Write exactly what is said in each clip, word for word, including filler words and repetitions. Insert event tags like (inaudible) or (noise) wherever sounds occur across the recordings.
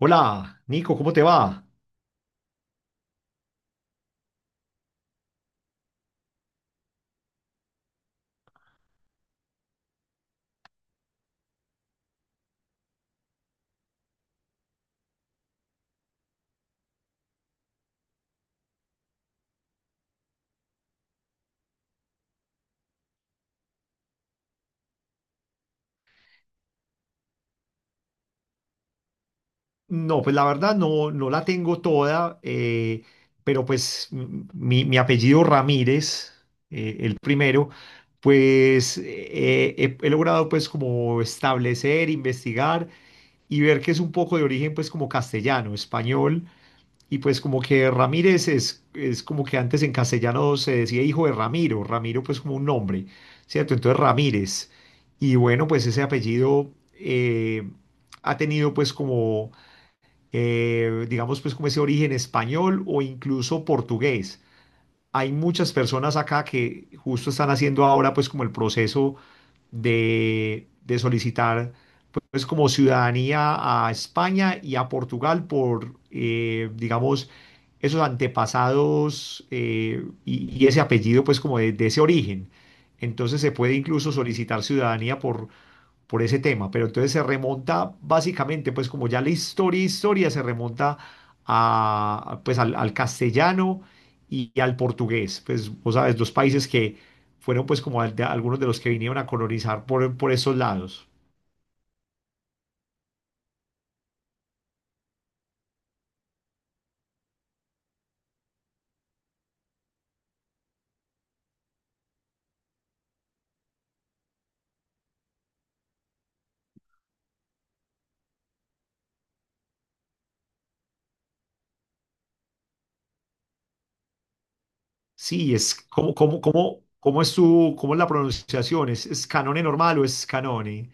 Hola, Nico, ¿cómo te va? No, pues la verdad no, no la tengo toda, eh, pero pues m- mi, mi apellido Ramírez, eh, el primero, pues eh, he, he logrado pues como establecer, investigar y ver que es un poco de origen pues como castellano, español. Y pues como que Ramírez es, es como que antes en castellano se decía hijo de Ramiro, Ramiro pues como un nombre, ¿cierto? Entonces Ramírez. Y bueno, pues ese apellido eh, ha tenido pues como, eh, digamos pues como ese origen español o incluso portugués. Hay muchas personas acá que justo están haciendo ahora pues como el proceso de, de solicitar pues como ciudadanía a España y a Portugal por, eh, digamos, esos antepasados eh, y, y ese apellido pues como de, de ese origen. Entonces se puede incluso solicitar ciudadanía por, por ese tema, pero entonces se remonta básicamente pues como ya la historia, historia se remonta a, pues al, al castellano y, y al portugués, pues vos sabes, dos países que fueron pues como al- de- algunos de los que vinieron a colonizar por, por esos lados. Sí, es como, como, como, ¿cómo es tu, cómo es la pronunciación? ¿Es, es Canone normal o es Canone?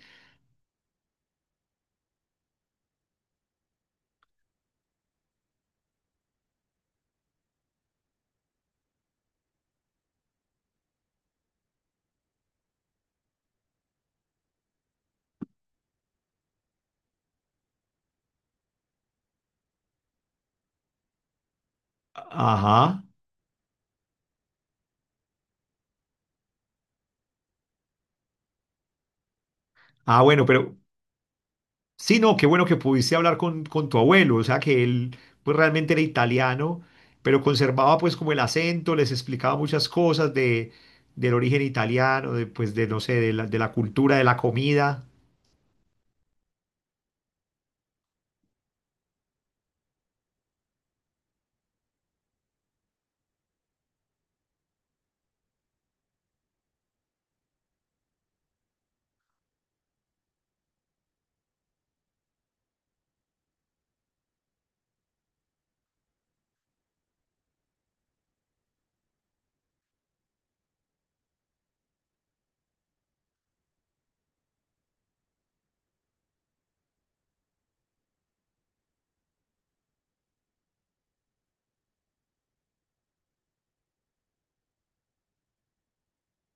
Ajá. Ah, bueno, pero sí, no, qué bueno que pudiste hablar con, con tu abuelo, o sea que él pues realmente era italiano, pero conservaba pues como el acento, les explicaba muchas cosas de, del origen italiano, de, pues de, no sé, de la, de la cultura, de la comida,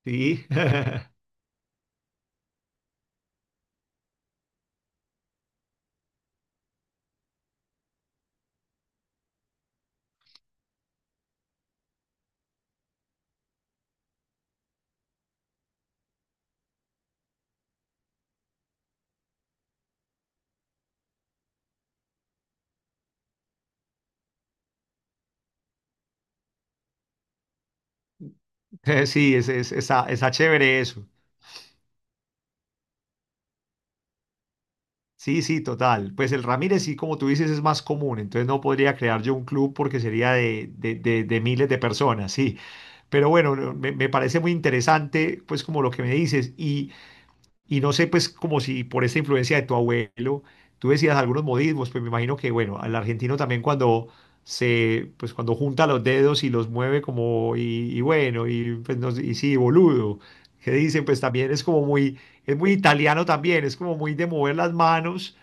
¿sí? (laughs) Sí, es, es, está, está chévere eso. Sí, sí, total. Pues el Ramírez, sí, como tú dices, es más común, entonces no podría crear yo un club porque sería de, de- de- de miles de personas, sí. Pero bueno, no, me, me parece muy interesante, pues como lo que me dices. Y, y no sé, pues, como si por esta influencia de tu abuelo, tú decías algunos modismos, pues me imagino que, bueno, al argentino también cuando se, pues cuando junta los dedos y los mueve como, y, y bueno, y, pues, no sé, y sí, boludo, que dicen, pues también es como muy, es muy italiano también, es como muy de mover las manos,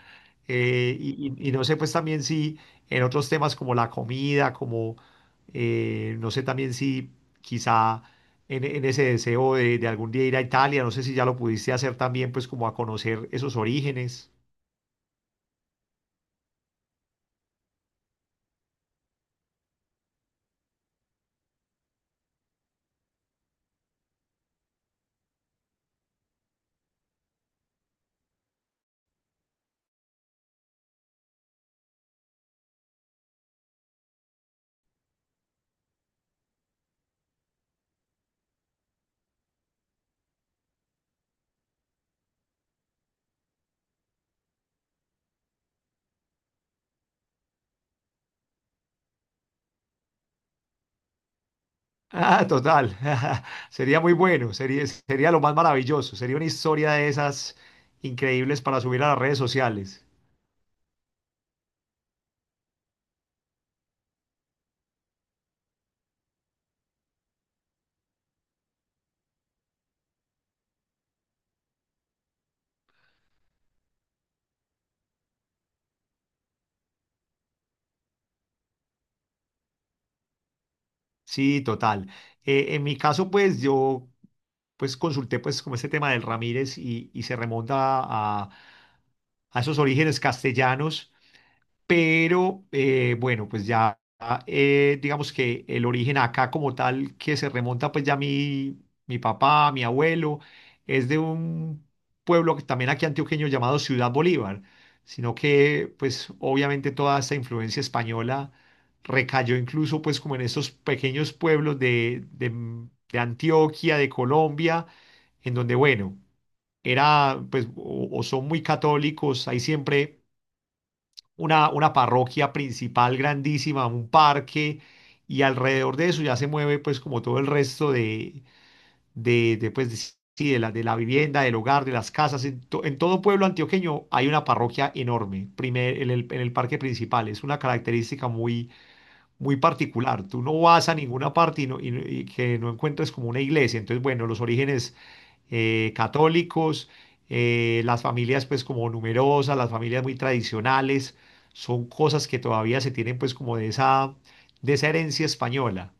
eh, y, y- y no sé, pues también si en otros temas como la comida, como, eh, no sé también si quizá en, en ese deseo de, de algún día ir a Italia. No sé si ya lo pudiste hacer también, pues como a conocer esos orígenes. Ah, total. (laughs) Sería muy bueno, sería, sería lo más maravilloso. Sería una historia de esas increíbles para subir a las redes sociales. Sí, total. Eh, en mi caso, pues yo pues consulté pues como este tema del Ramírez y, y se remonta a, a esos orígenes castellanos, pero eh, bueno, pues ya eh, digamos que el origen acá como tal que se remonta pues ya mi, mi papá, mi abuelo, es de un pueblo que también aquí antioqueño llamado Ciudad Bolívar, sino que pues obviamente toda esta influencia española recayó incluso pues como en estos pequeños pueblos de, de- de Antioquia, de Colombia, en donde bueno, era pues o, o son muy católicos, hay siempre una, una parroquia principal grandísima, un parque y alrededor de eso ya se mueve pues como todo el resto de, de, de, pues, de- sí, de la, de la vivienda, del hogar, de las casas, en, to- en todo pueblo antioqueño hay una parroquia enorme, primer, en el, en el parque principal, es una característica muy muy particular. Tú no vas a ninguna parte y, no- y no- y que no encuentres como una iglesia. Entonces, bueno, los orígenes eh, católicos, eh, las familias pues como numerosas, las familias muy tradicionales, son cosas que todavía se tienen pues como de esa, de esa herencia española.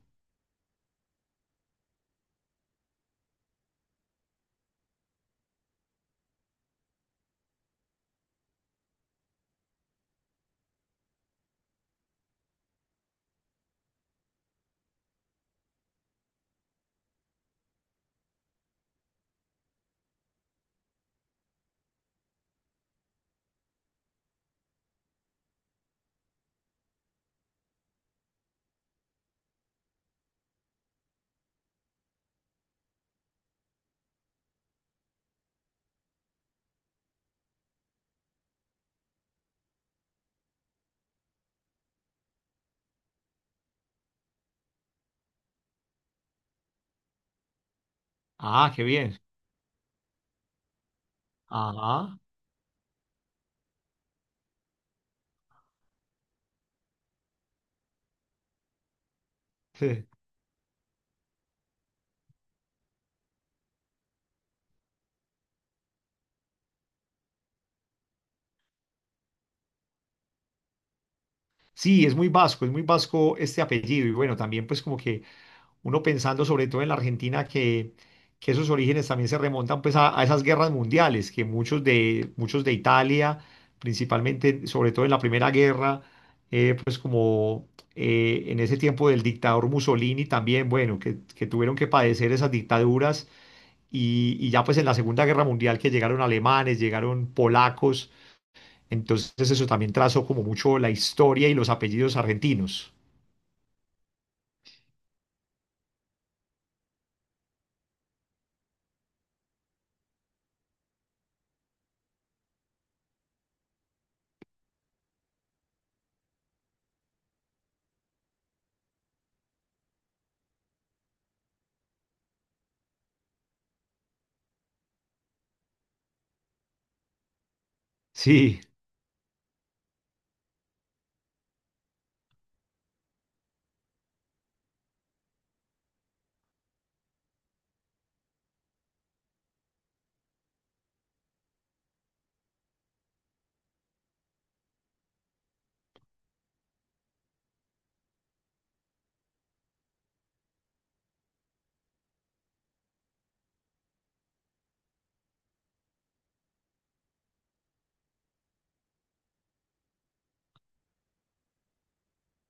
Ah, qué bien. Ajá. (laughs) Sí, es muy vasco, es muy vasco este apellido. Y bueno, también pues como que... Uno pensando sobre todo en la Argentina que, que esos orígenes también se remontan pues a, a esas guerras mundiales, que muchos de, muchos de Italia, principalmente, sobre todo en la Primera Guerra, eh, pues como eh, en ese tiempo del dictador Mussolini también, bueno, que, que tuvieron que padecer esas dictaduras y, y ya pues en la Segunda Guerra Mundial que llegaron alemanes, llegaron polacos, entonces eso también trazó como mucho la historia y los apellidos argentinos. Sí.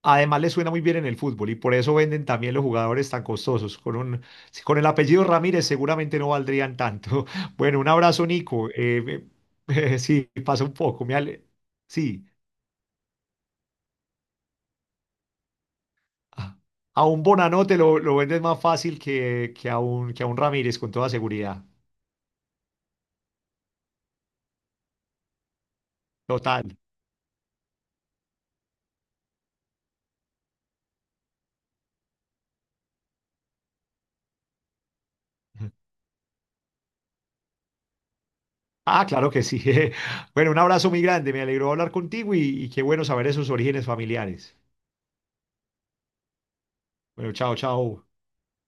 Además, le suena muy bien en el fútbol y por eso venden también los jugadores tan costosos. Con un, si con el apellido Ramírez seguramente no valdrían tanto. (laughs) Bueno, un abrazo, Nico. Eh, me- (laughs) sí, pasa un poco. Me ale- Sí, a a un Bonanote lo, lo vendes más fácil que, que a un, que a un Ramírez, con toda seguridad. Total. (laughs) Ah, claro que sí. (laughs) Bueno, un abrazo muy grande. Me alegró hablar contigo y, y qué bueno saber esos orígenes familiares. Bueno, chao, chao.